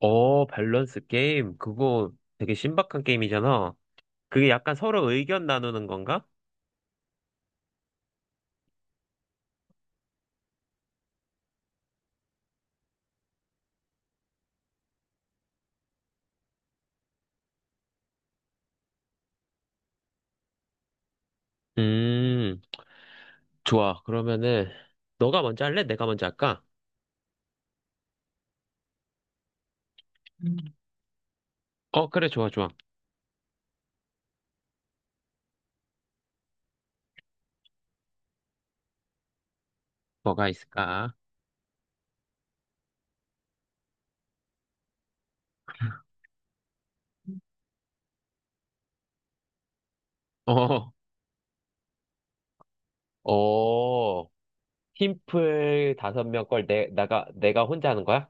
어, 밸런스 게임. 그거 되게 신박한 게임이잖아. 그게 약간 서로 의견 나누는 건가? 음, 좋아. 그러면은, 너가 먼저 할래? 내가 먼저 할까? 음. 어, 그래, 좋아, 좋아. 뭐가 있을까? 어, 어, 팀플 5명 걸 내가 혼자 하는 거야?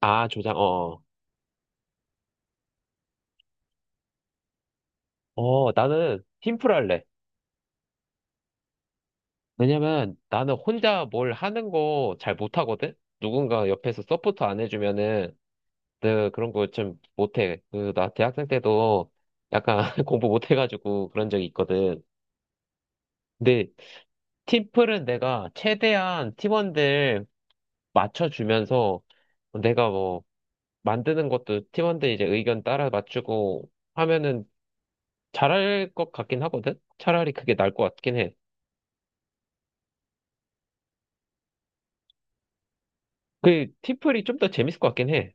아, 조장, 나는 팀플 할래. 왜냐면 나는 혼자 뭘 하는 거 잘 못하거든? 누군가 옆에서 서포트 안 해주면은 내가 그런 거 좀 못해. 나 대학생 때도 약간 공부 못해가지고 그런 적이 있거든. 근데 팀플은 내가 최대한 팀원들 맞춰주면서 내가 뭐 만드는 것도 팀원들 이제 의견 따라 맞추고 하면은 잘할 것 같긴 하거든? 차라리 그게 나을 것 같긴 해. 그 팀플이 좀 더 재밌을 것 같긴 해.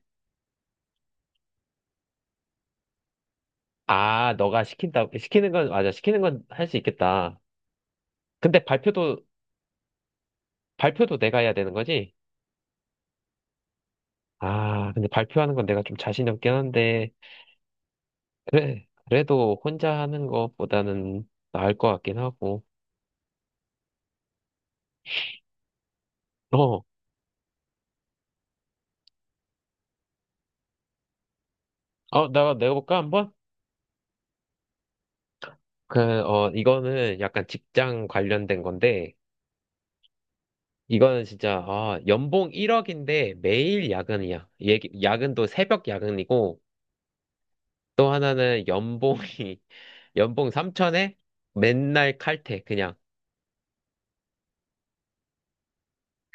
아, 너가 시키는 건, 맞아, 시키는 건 할 수 있겠다. 근데 발표도 내가 해야 되는 거지? 아, 근데 발표하는 건 내가 좀 자신이 없긴 한데, 그래, 그래도 혼자 하는 것보다는 나을 것 같긴 하고. 어, 내가 내볼까, 한번? 이거는 약간 직장 관련된 건데, 이거는 진짜, 아, 연봉 1억인데 매일 야근이야. 야근도 새벽 야근이고, 또 하나는 연봉 3천에 맨날 칼퇴, 그냥.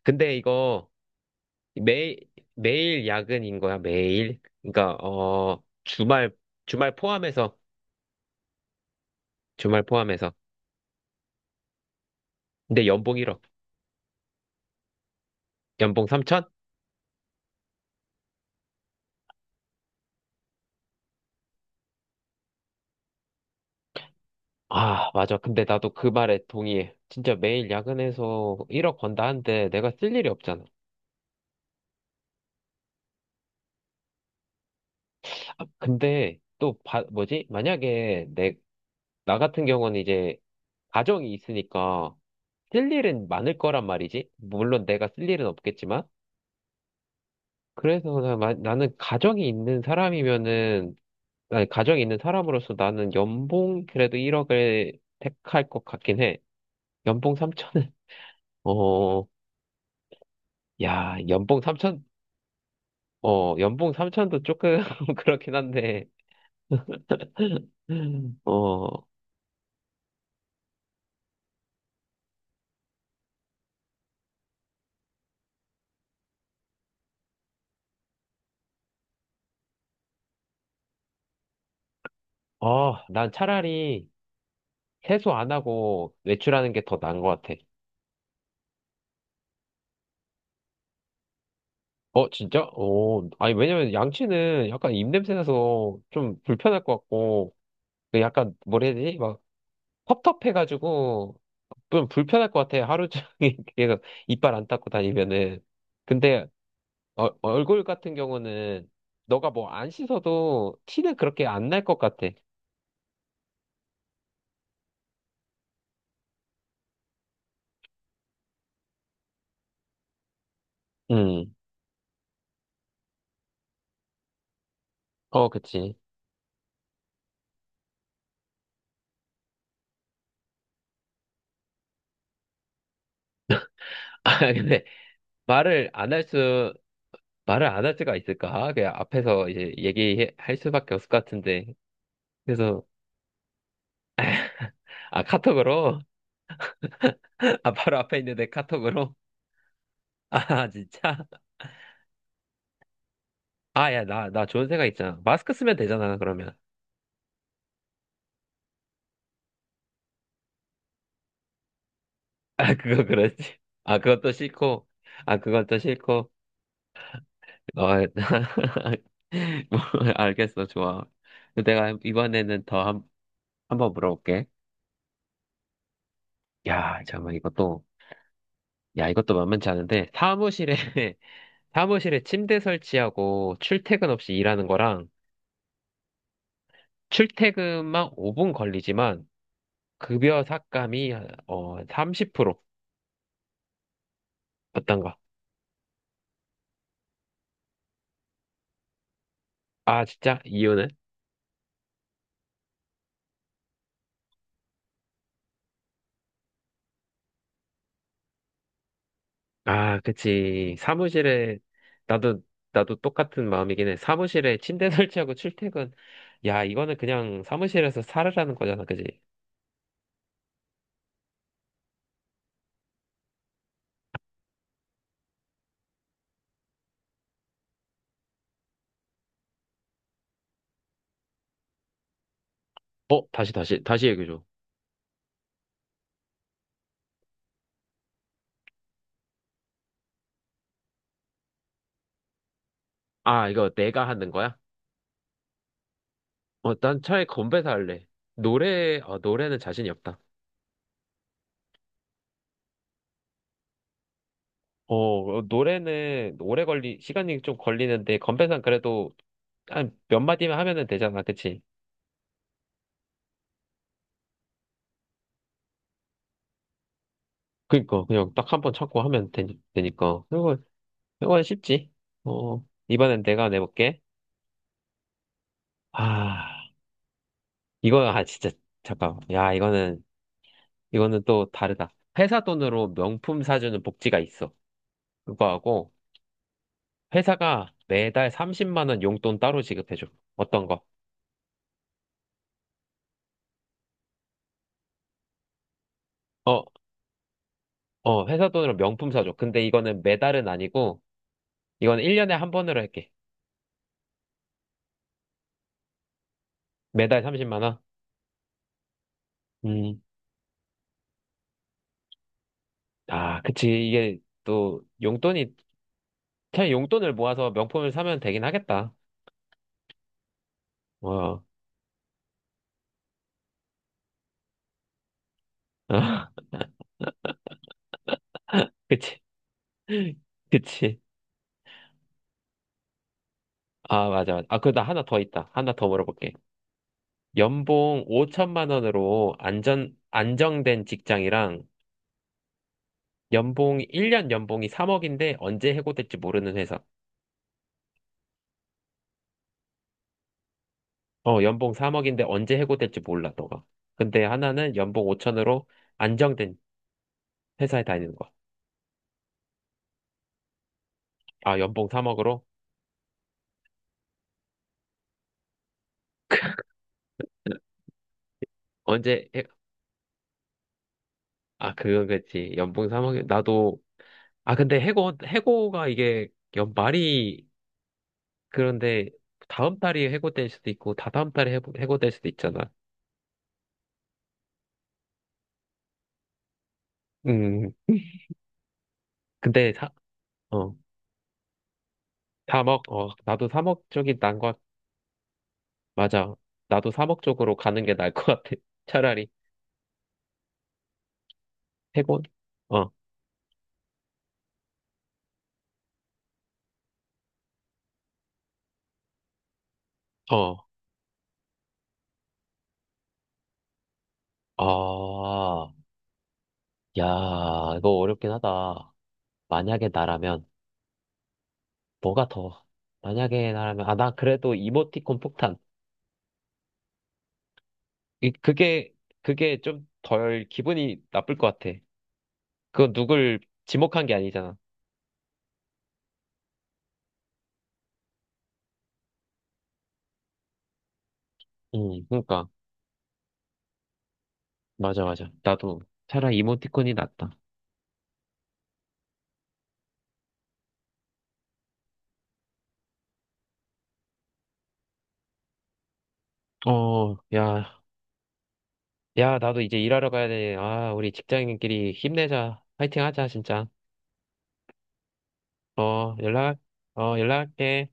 근데 이거, 매, 매일 야근인 거야, 매일? 그러니까, 주말 포함해서, 주말 포함해서. 근데 연봉 1억, 연봉 3천? 아, 맞아. 근데 나도 그 말에 동의해. 진짜 매일 야근해서 1억 번다 한데 내가 쓸 일이 없잖아. 아, 근데 또, 뭐지? 만약에 나 같은 경우는 이제 가정이 있으니까 쓸 일은 많을 거란 말이지. 물론 내가 쓸 일은 없겠지만. 그래서 나는 가정이 있는 사람이면은 아니, 가정이 있는 사람으로서 나는 연봉 그래도 1억을 택할 것 같긴 해. 연봉 3천은, 어, 야, 연봉 3천, 연봉 3천도 조금 그렇긴 한데, 어, 난 차라리 세수 안 하고 외출하는 게 더 나은 것 같아. 어, 진짜? 어, 아니, 왜냐면 양치는 약간 입냄새 나서 좀 불편할 것 같고, 약간, 뭐라 해야 되지? 텁텁해가지고 좀 불편할 것 같아요. 하루 종일 계속 이빨 안 닦고 다니면은. 근데 얼굴 같은 경우는 너가 뭐 안 씻어도 티는 그렇게 안 날 것 같아. 음, 어, 그치. 아, 근데 말을 안 할 수, 말을 안 할 수가 있을까? 그냥 앞에서 이제 얘기할 수밖에 없을 것 같은데. 그래서, 아, 카톡으로? 아, 바로 앞에 있는데 카톡으로? 아, 진짜? 아, 야, 나 좋은 생각 있잖아. 마스크 쓰면 되잖아, 그러면. 아, 그거 그렇지. 아, 그것도 싫고. 아, 그것도 싫고. 어, 뭐, 알겠어, 좋아. 내가 이번에는 더 한번 물어볼게. 야, 잠깐만, 야, 이것도 만만치 않은데, 사무실에, 사무실에 침대 설치하고 출퇴근 없이 일하는 거랑, 출퇴근만 5분 걸리지만, 급여 삭감이, 30% 어떤가? 아, 진짜? 이유는? 아, 그치. 나도, 나도 똑같은 마음이긴 해. 사무실에 침대 설치하고 출퇴근. 야, 이거는 그냥 사무실에서 살으라는 거잖아, 그지? 어, 다시, 다시, 다시 얘기해줘. 아, 이거 내가 하는 거야? 어, 난 차라리 건배사 할래. 노래는 자신이 없다. 어, 노래는 시간이 좀 걸리는데, 건배사는 그래도 한 몇 마디만 하면은 되잖아, 그치? 그니까, 그냥 딱 한 번 찾고 하면 되니까. 이건 쉽지. 어, 이번엔 내가 내볼게. 아, 이거, 아, 진짜, 잠깐. 야, 이거는 또 다르다. 회사 돈으로 명품 사주는 복지가 있어. 그거하고, 회사가 매달 30만 원 용돈 따로 지급해줘. 어떤 거? 어, 회사 돈으로 명품 사줘. 근데 이거는 매달은 아니고, 이건 1년에 한 번으로 할게. 매달 30만 원? 음, 아, 그치. 이게 또, 그냥 용돈을 모아서 명품을 사면 되긴 하겠다. 어, 그치. 그치. 아, 맞아, 맞아. 아, 그리고 나 하나 더 있다. 하나 더 물어볼게. 연봉 5천만 원으로 안정된 직장이랑 1년 연봉이 3억인데 언제 해고될지 모르는 회사. 어, 연봉 3억인데 언제 해고될지 몰라, 너가. 근데 하나는 연봉 5천으로 안정된 회사에 다니는 거. 아, 연봉 3억으로? 언제, 해... 아, 그건 그렇지. 연봉 3억, 나도, 아, 근데 해고가 이게 연 말이 그런데 다음 달이 해고될 수도 있고, 다다음 달에 해고될 수도 있잖아. 음, 근데 사, 어. 3억, 나도 3억 쪽이 난 것, 맞아. 나도 3억 쪽으로 가는 게 나을 것 같아. 차라리. 해본? 어, 어, 아, 야, 이거 어렵긴 하다. 만약에 나라면, 뭐가 더, 만약에 나라면, 아, 나 그래도 이모티콘 폭탄. 이, 그게, 그게 좀 덜 기분이 나쁠 것 같아. 그건 누굴 지목한 게 아니잖아. 그러니까. 맞아, 맞아. 나도 차라리 이모티콘이 낫다. 어, 야, 야, 나도 이제 일하러 가야 돼. 아, 우리 직장인끼리 힘내자. 파이팅 하자, 진짜. 어, 연락할게.